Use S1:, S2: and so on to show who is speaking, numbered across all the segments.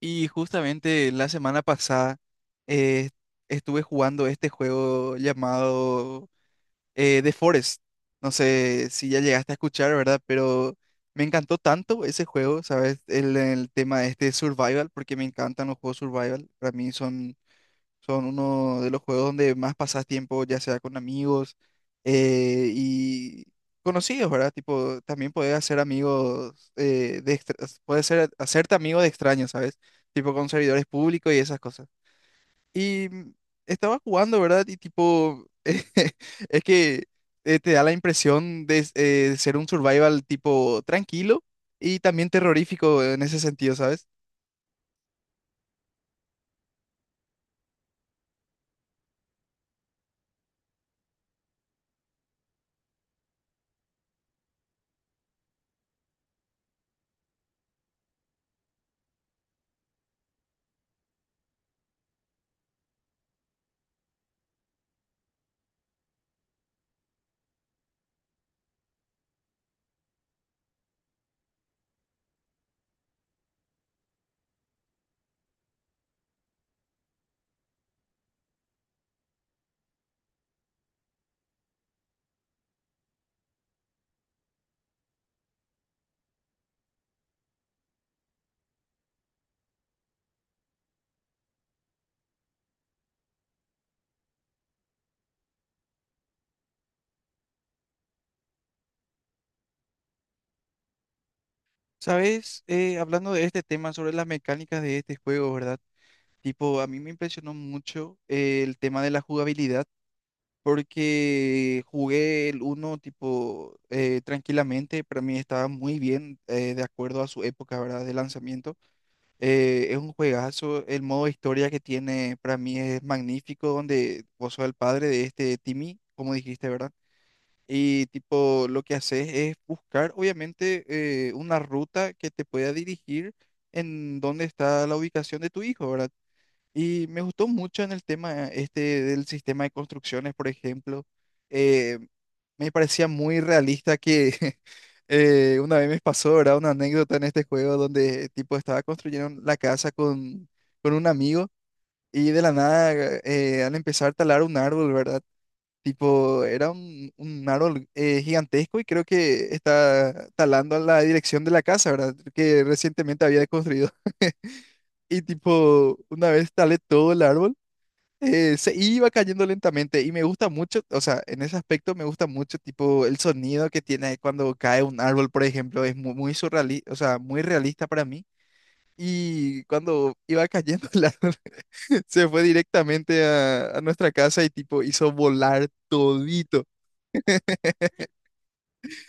S1: Y justamente la semana pasada eh, estuve jugando este juego llamado The Forest. No sé si ya llegaste a escuchar, ¿verdad? Pero me encantó tanto ese juego, ¿sabes? El tema este de survival, porque me encantan los juegos survival. Para mí son uno de los juegos donde más pasas tiempo, ya sea con amigos y conocidos, ¿verdad? Tipo, también puedes hacer amigos, puedes ser, hacerte amigo de extraños, ¿sabes? Tipo con servidores públicos y esas cosas. Y estaba jugando, ¿verdad? Y tipo, es que te da la impresión de, de ser un survival tipo tranquilo y también terrorífico en ese sentido, ¿sabes? ¿Sabes? Hablando de este tema sobre las mecánicas de este juego, ¿verdad? Tipo, a mí me impresionó mucho el tema de la jugabilidad, porque jugué el uno tipo, tranquilamente, para mí estaba muy bien, de acuerdo a su época, ¿verdad?, de lanzamiento. Es un juegazo, el modo historia que tiene para mí es magnífico, donde vos sos el padre de este Timmy, como dijiste, ¿verdad? Y tipo, lo que haces es buscar, obviamente, una ruta que te pueda dirigir en dónde está la ubicación de tu hijo, ¿verdad? Y me gustó mucho en el tema este del sistema de construcciones, por ejemplo. Eh, Me parecía muy realista que una vez me pasó, ¿verdad? Una anécdota en este juego donde tipo estaba construyendo la casa con un amigo y de la nada al empezar a talar un árbol, ¿verdad? Tipo, era un árbol gigantesco y creo que está talando a la dirección de la casa, ¿verdad? Que recientemente había construido. Y tipo, una vez talé todo el árbol se iba cayendo lentamente y me gusta mucho, o sea, en ese aspecto me gusta mucho tipo el sonido que tiene cuando cae un árbol, por ejemplo, es muy, muy surrealista, o sea, muy realista para mí. Y cuando iba cayendo el árbol, se fue directamente a nuestra casa y tipo hizo volar todito.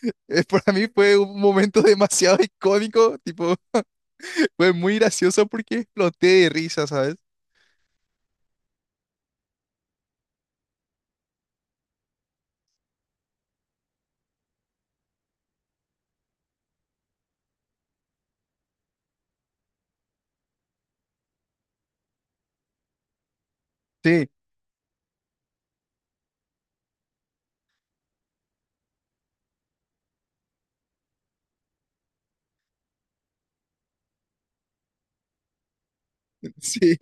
S1: Para mí fue un momento demasiado icónico, tipo, fue muy gracioso porque exploté de risa, ¿sabes? Sí, sí,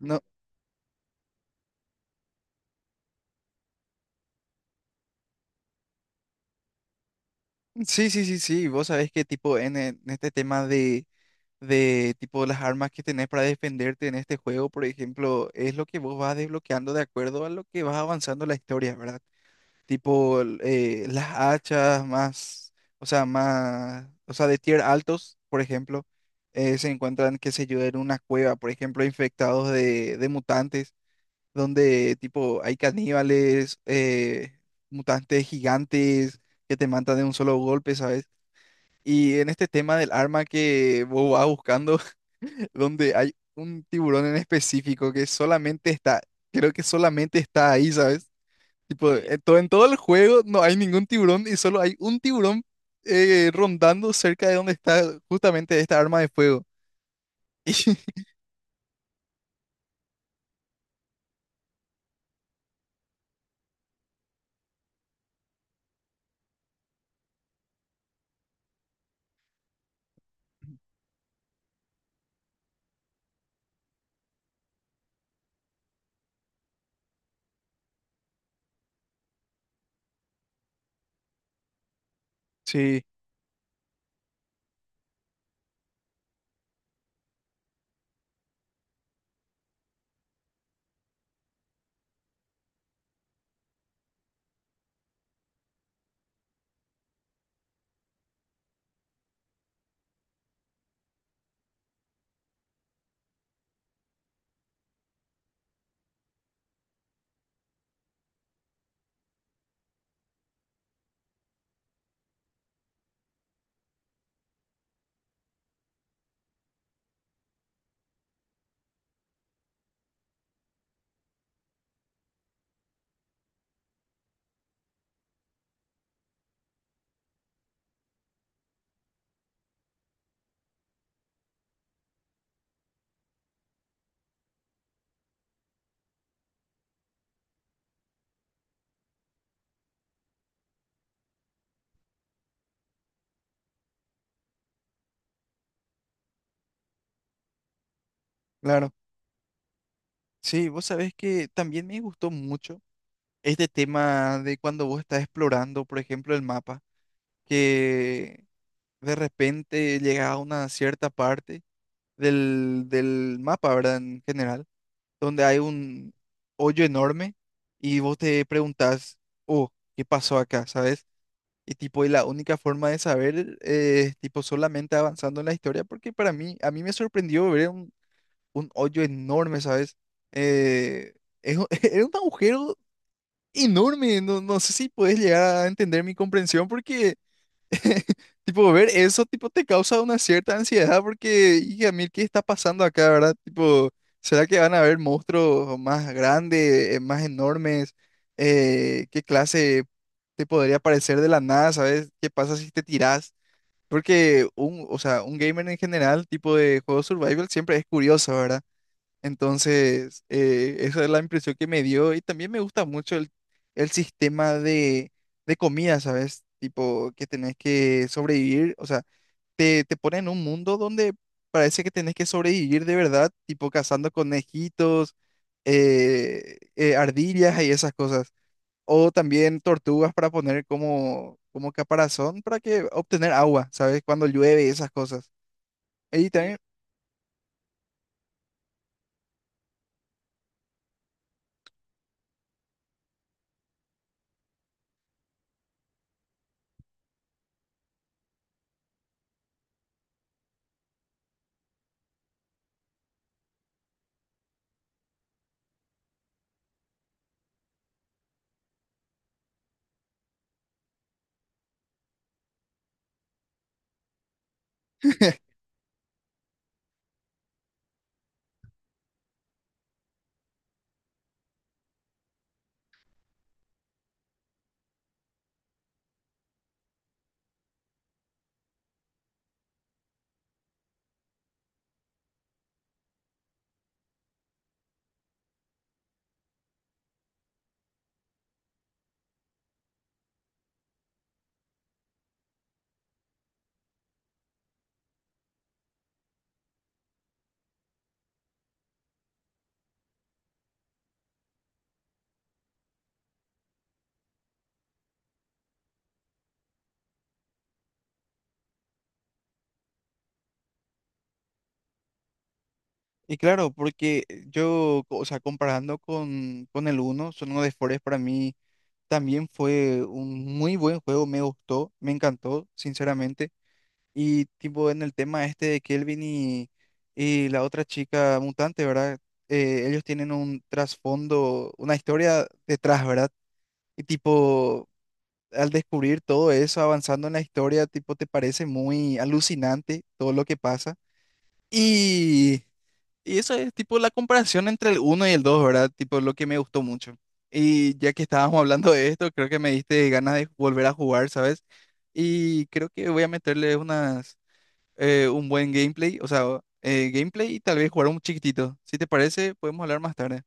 S1: no, sí, sí, sí, sí, vos sabés que tipo en este tema de tipo las armas que tenés para defenderte en este juego, por ejemplo, es lo que vos vas desbloqueando de acuerdo a lo que vas avanzando en la historia, ¿verdad? Tipo las hachas más, o sea, de tier altos, por ejemplo, se encuentran, qué sé yo, en una cueva, por ejemplo, infectados de mutantes, donde tipo hay caníbales, mutantes gigantes que te matan de un solo golpe, ¿sabes? Y en este tema del arma que vos vas buscando, donde hay un tiburón en específico que solamente está, creo que solamente está ahí, ¿sabes? Tipo, sí. En todo, en todo el juego no hay ningún tiburón y solo hay un tiburón rondando cerca de donde está justamente esta arma de fuego. Y sí, claro. Sí, vos sabés que también me gustó mucho este tema de cuando vos estás explorando, por ejemplo, el mapa, que de repente llegas a una cierta parte del mapa, ¿verdad? En general donde hay un hoyo enorme y vos te preguntás, oh, ¿qué pasó acá? ¿Sabes? Y tipo, y la única forma de saber es tipo solamente avanzando en la historia, porque para mí, a mí me sorprendió ver un hoyo enorme, ¿sabes? Eh, es, era un agujero enorme, no, no sé si puedes llegar a entender mi comprensión porque Tipo, ver eso, tipo, te causa una cierta ansiedad porque, hija, mil, ¿qué está pasando acá, verdad? Tipo, ¿será que van a haber monstruos más grandes, más enormes? ¿Qué clase te podría aparecer de la nada, sabes? ¿Qué pasa si te tirás? Porque un, o sea, un gamer en general, tipo de juego survival, siempre es curioso, ¿verdad? Entonces, esa es la impresión que me dio y también me gusta mucho el sistema de comida, ¿sabes? Tipo, que tenés que sobrevivir, o sea, te ponen en un mundo donde parece que tenés que sobrevivir de verdad, tipo cazando conejitos, ardillas y esas cosas. O también tortugas para poner como, como caparazón para que obtener agua, ¿sabes? Cuando llueve y esas cosas. Y también, Y claro, porque yo, o sea, comparando con el 1, uno de Forest para mí también fue un muy buen juego, me gustó, me encantó, sinceramente. Y tipo en el tema este de Kelvin y la otra chica mutante, ¿verdad? Ellos tienen un trasfondo, una historia detrás, ¿verdad? Y tipo, al descubrir todo eso, avanzando en la historia, tipo, te parece muy alucinante todo lo que pasa. Y... Y eso es tipo la comparación entre el uno y el dos, ¿verdad? Tipo lo que me gustó mucho. Y ya que estábamos hablando de esto, creo que me diste ganas de volver a jugar, ¿sabes? Y creo que voy a meterle unas, un buen gameplay, o sea, gameplay y tal vez jugar un chiquitito. Si te parece, podemos hablar más tarde.